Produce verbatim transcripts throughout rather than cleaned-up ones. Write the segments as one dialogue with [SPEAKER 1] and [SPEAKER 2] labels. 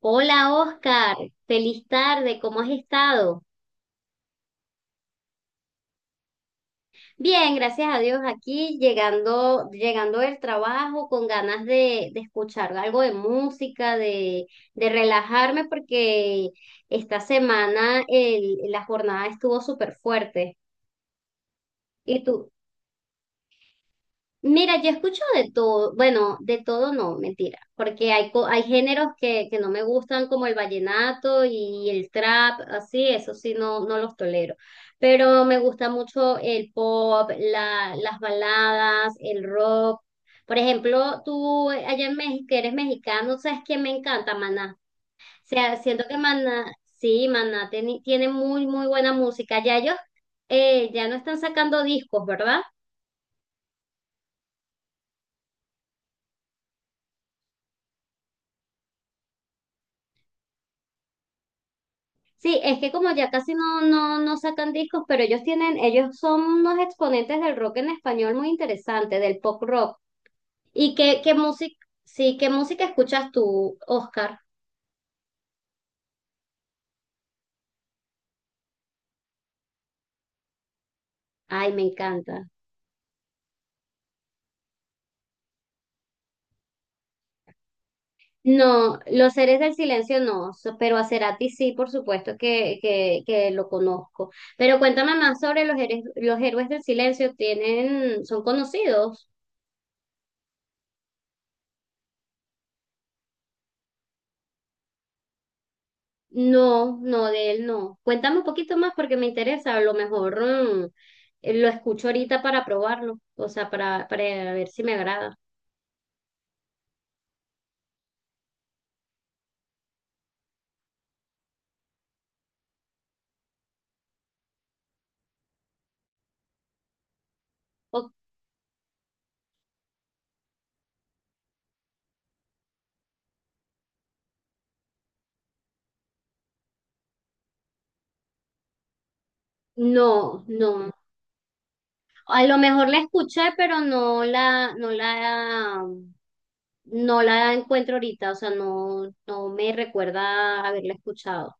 [SPEAKER 1] Hola Oscar, feliz tarde, ¿cómo has estado? Bien, gracias a Dios aquí, llegando, llegando del trabajo con ganas de, de escuchar algo de música, de, de relajarme porque esta semana el- la jornada estuvo súper fuerte. ¿Y tú? Mira, yo escucho de todo, bueno, de todo no, mentira, porque hay, co- hay géneros que, que no me gustan como el vallenato y el trap, así, eso sí, no, no los tolero, pero me gusta mucho el pop, la, las baladas, el rock. Por ejemplo, tú eh, allá en México, que eres mexicano, sabes que me encanta Maná. O sea, siento que Maná, sí, Maná tiene, tiene muy, muy buena música. Ya ellos eh, ya no están sacando discos, ¿verdad? Sí, es que como ya casi no, no, no sacan discos, pero ellos tienen, ellos son unos exponentes del rock en español muy interesante, del pop rock. ¿Y qué, qué música, sí, qué música escuchas tú, Oscar? Ay, me encanta. No, Los Seres del Silencio no, so- pero a Cerati sí, por supuesto que, que, que lo conozco. Pero cuéntame más sobre los, héroes- los Héroes del Silencio, ¿tienen, ¿son conocidos? No, no, de él no. Cuéntame un poquito más porque me interesa. A lo mejor mm, eh, lo escucho ahorita para probarlo, o sea, para, para ver si me agrada. O- no, no. A lo mejor la escuché, pero no la, no la, no la encuentro ahorita, o sea, no, no me recuerda haberla escuchado.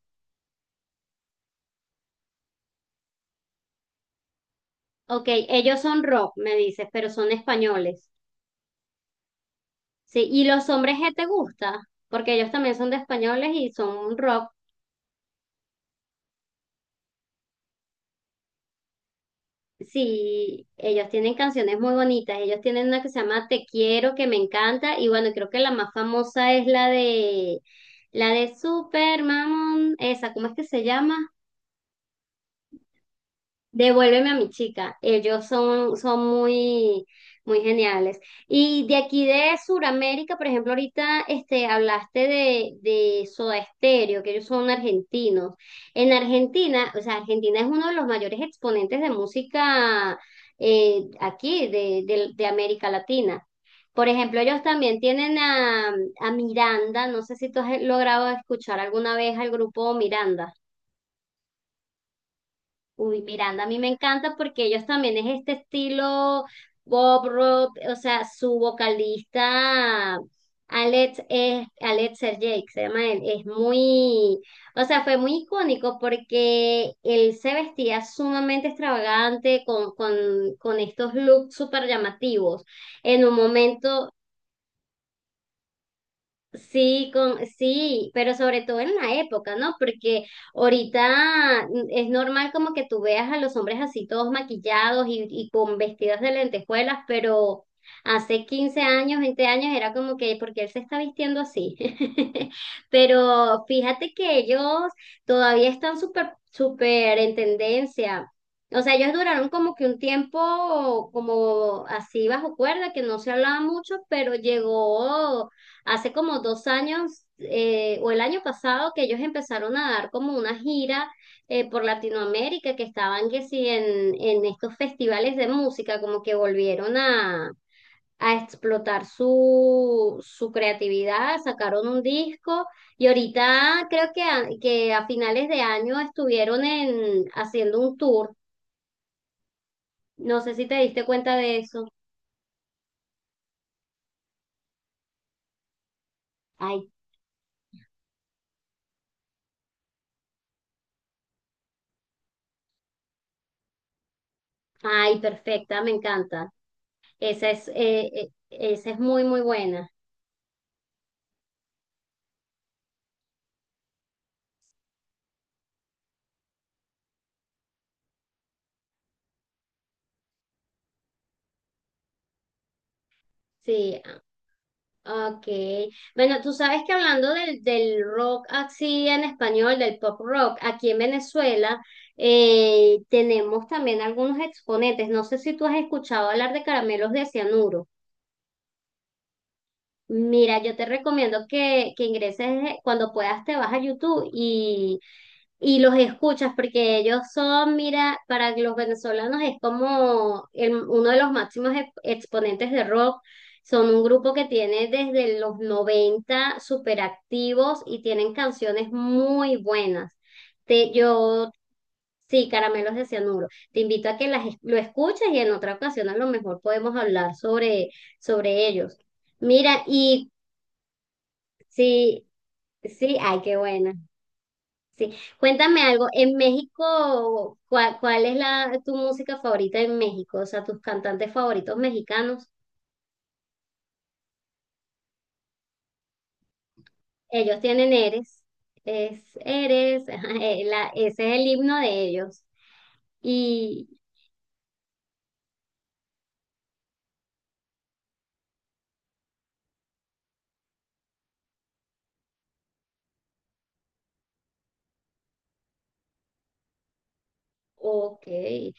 [SPEAKER 1] Ok, ellos son rock, me dices, pero son españoles. Sí, ¿y los hombres que te gusta? Porque ellos también son de españoles y son un rock. Sí, ellos tienen canciones muy bonitas. Ellos tienen una que se llama Te quiero, que me encanta. Y bueno, creo que la más famosa es la de la de Super Mamón. Esa, ¿cómo es que se llama? Devuélveme a mi chica. Ellos son, son muy, muy geniales. Y de aquí de Sudamérica, por ejemplo, ahorita este, hablaste de, de Soda Stereo, que ellos son argentinos. En Argentina, o sea, Argentina es uno de los mayores exponentes de música eh, aquí, de, de, de América Latina. Por ejemplo, ellos también tienen a, a Miranda. No sé si tú has logrado escuchar alguna vez al grupo Miranda. Uy, Miranda, a mí me encanta porque ellos también es este estilo Bob rock, o sea, su vocalista Alex es Alex Sergey, que se llama él, es muy, o sea, fue muy icónico porque él se vestía sumamente extravagante con, con, con estos looks súper llamativos. En un momento. Sí, con, sí, pero sobre todo en la época, ¿no? Porque ahorita es normal como que tú veas a los hombres así todos maquillados y, y con vestidos de lentejuelas, pero hace quince años, veinte años era como que, ¿porque él se está vistiendo así? Pero fíjate que ellos todavía están súper, súper en tendencia. O sea, ellos duraron como que un tiempo como así bajo cuerda, que no se hablaba mucho, pero llegó. Hace como dos años eh, o el año pasado que ellos empezaron a dar como una gira eh, por Latinoamérica, que estaban que sí en, en estos festivales de música, como que volvieron a, a explotar su, su creatividad, sacaron un disco y ahorita creo que a, que a finales de año estuvieron en, haciendo un tour. No sé si te diste cuenta de eso. Ay, ay, perfecta, me encanta. Esa es, eh, eh, esa es muy, muy buena. Sí, ah, ok. Bueno, tú sabes que hablando del, del rock así en español, del pop rock, aquí en Venezuela eh, tenemos también algunos exponentes. No sé si tú has escuchado hablar de Caramelos de Cianuro. Mira, yo te recomiendo que, que ingreses eh, cuando puedas, te vas a YouTube y, y los escuchas, porque ellos son, mira, para los venezolanos es como el- uno de los máximos ex- exponentes de rock. Son un grupo que tiene desde los noventa súper activos y tienen canciones muy buenas. Te, yo, sí, Caramelos de Cianuro. Te invito a que las, es- lo escuches y en otra ocasión a lo mejor podemos hablar sobre, sobre ellos. Mira, y sí, sí, ay, qué buena. Sí. Cuéntame algo, en México, ¿cuál, cuál es la, tu música favorita en México? O sea, tus cantantes favoritos mexicanos. Ellos tienen Eres, es Eres, ajá, eh, la, ese es el himno de ellos. Y, ok, Eh,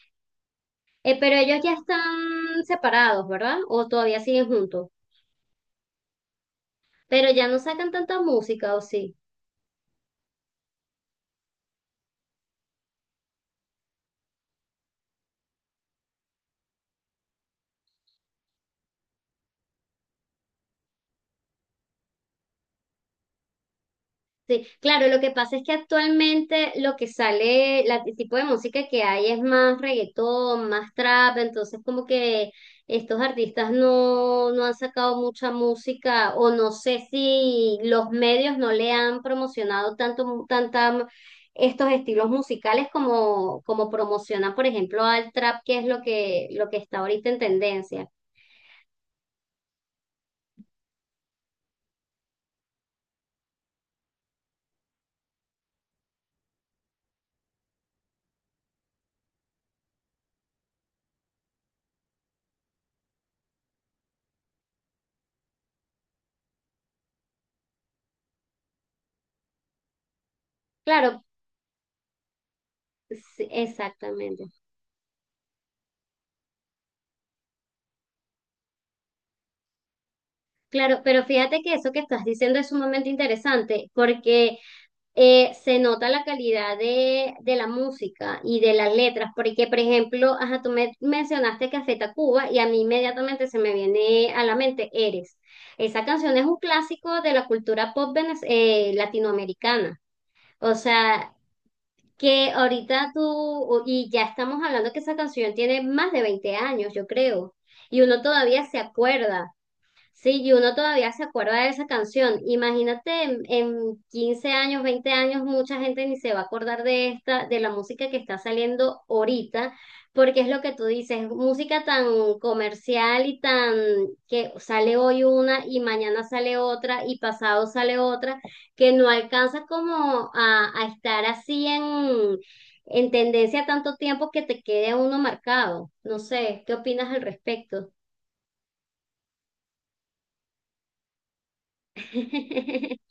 [SPEAKER 1] pero ellos ya están separados, ¿verdad? O todavía siguen juntos, pero ya no sacan tanta música, ¿o sí? Sí, claro, lo que pasa es que actualmente lo que sale, la- el tipo de música que hay es más reggaetón, más trap, entonces como que estos artistas no, no han sacado mucha música o no sé si los medios no le han promocionado tanto, tanta, estos estilos musicales como, como promocionan, por ejemplo, al trap, que es lo que, lo que está ahorita en tendencia. Claro, sí, exactamente. Claro, pero fíjate que eso que estás diciendo es sumamente interesante porque eh, se nota la calidad de, de la música y de las letras, porque por ejemplo, ajá, tú me mencionaste Café Tacuba y a mí inmediatamente se me viene a la mente Eres. Esa canción es un clásico de la cultura pop venez- eh, latinoamericana. O sea, que ahorita tú, y ya estamos hablando que esa canción tiene más de veinte años, yo creo, y uno todavía se acuerda. Sí, y uno todavía se acuerda de esa canción. Imagínate en, en quince años, veinte años, mucha gente ni se va a acordar de esta, de la música que está saliendo ahorita, porque es lo que tú dices, música tan comercial y tan, que sale hoy una y mañana sale otra y pasado sale otra, que no alcanza como a, a estar así en, en tendencia tanto tiempo que te quede uno marcado. No sé, ¿qué opinas al respecto?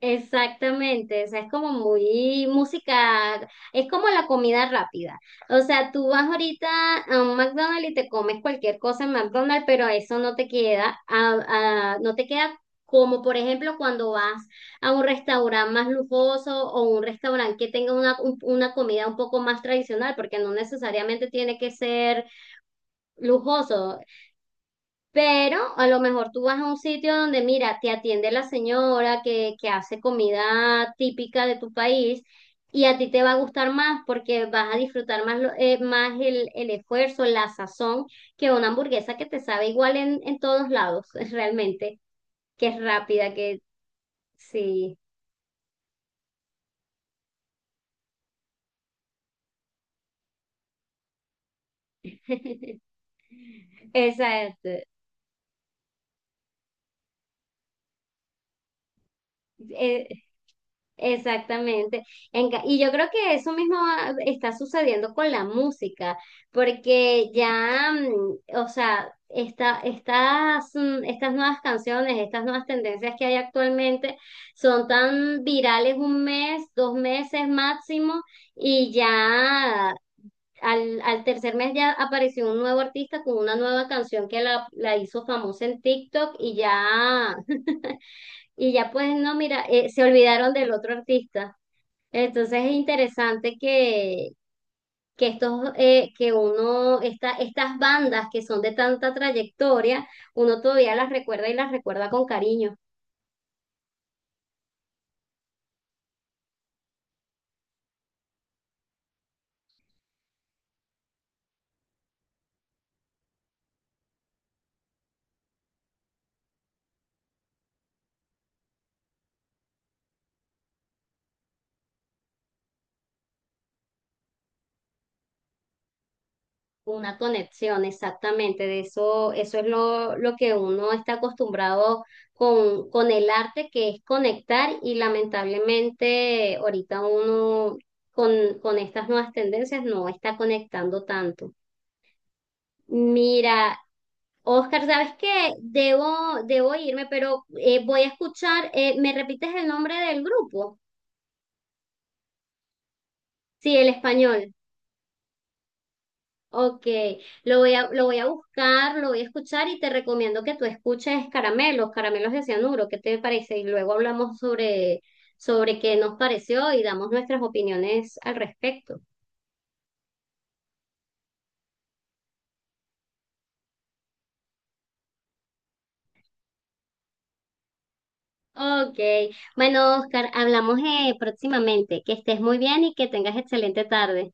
[SPEAKER 1] Exactamente, o sea, es como muy música, es como la comida rápida. O sea, tú vas ahorita a un McDonald's y te comes cualquier cosa en McDonald's, pero eso no te queda, a- a- no te queda como por ejemplo cuando vas a un restaurante más lujoso o un restaurante que tenga una, un- una comida un poco más tradicional, porque no necesariamente tiene que ser lujoso. Pero a lo mejor tú vas a un sitio donde, mira, te atiende la señora que, que hace comida típica de tu país y a ti te va a gustar más porque vas a disfrutar más, lo- eh, más el, el esfuerzo, la sazón, que una hamburguesa que te sabe igual en, en todos lados, realmente, que es rápida, que sí. Exacto. Eh, Exactamente. En ca- y yo creo que eso mismo va- está sucediendo con la música, porque ya, mm, o sea, esta, estas, mm, estas nuevas canciones, estas nuevas tendencias que hay actualmente son tan virales un mes, dos meses máximo, y ya al, al tercer mes ya apareció un nuevo artista con una nueva canción que la, la hizo famosa en TikTok y ya, y ya pues no, mira, eh, se olvidaron del otro artista. Entonces es interesante que, que estos, eh, que uno, esta, estas bandas que son de tanta trayectoria, uno todavía las recuerda y las recuerda con cariño, una conexión, exactamente. De eso, eso es lo, lo que uno está acostumbrado con, con el arte, que es conectar, y lamentablemente ahorita uno con, con estas nuevas tendencias no está conectando tanto. Mira, Oscar, ¿sabes qué? Debo, debo irme, pero eh, voy a escuchar, eh, ¿me repites el nombre del grupo? Sí, el español. Ok, lo voy a, lo voy a buscar, lo voy a escuchar y te recomiendo que tú escuches Caramelos, Caramelos de Cianuro, ¿qué te parece? Y luego hablamos sobre, sobre qué nos pareció y damos nuestras opiniones al respecto. Ok, bueno, Oscar, hablamos eh, próximamente. Que estés muy bien y que tengas excelente tarde.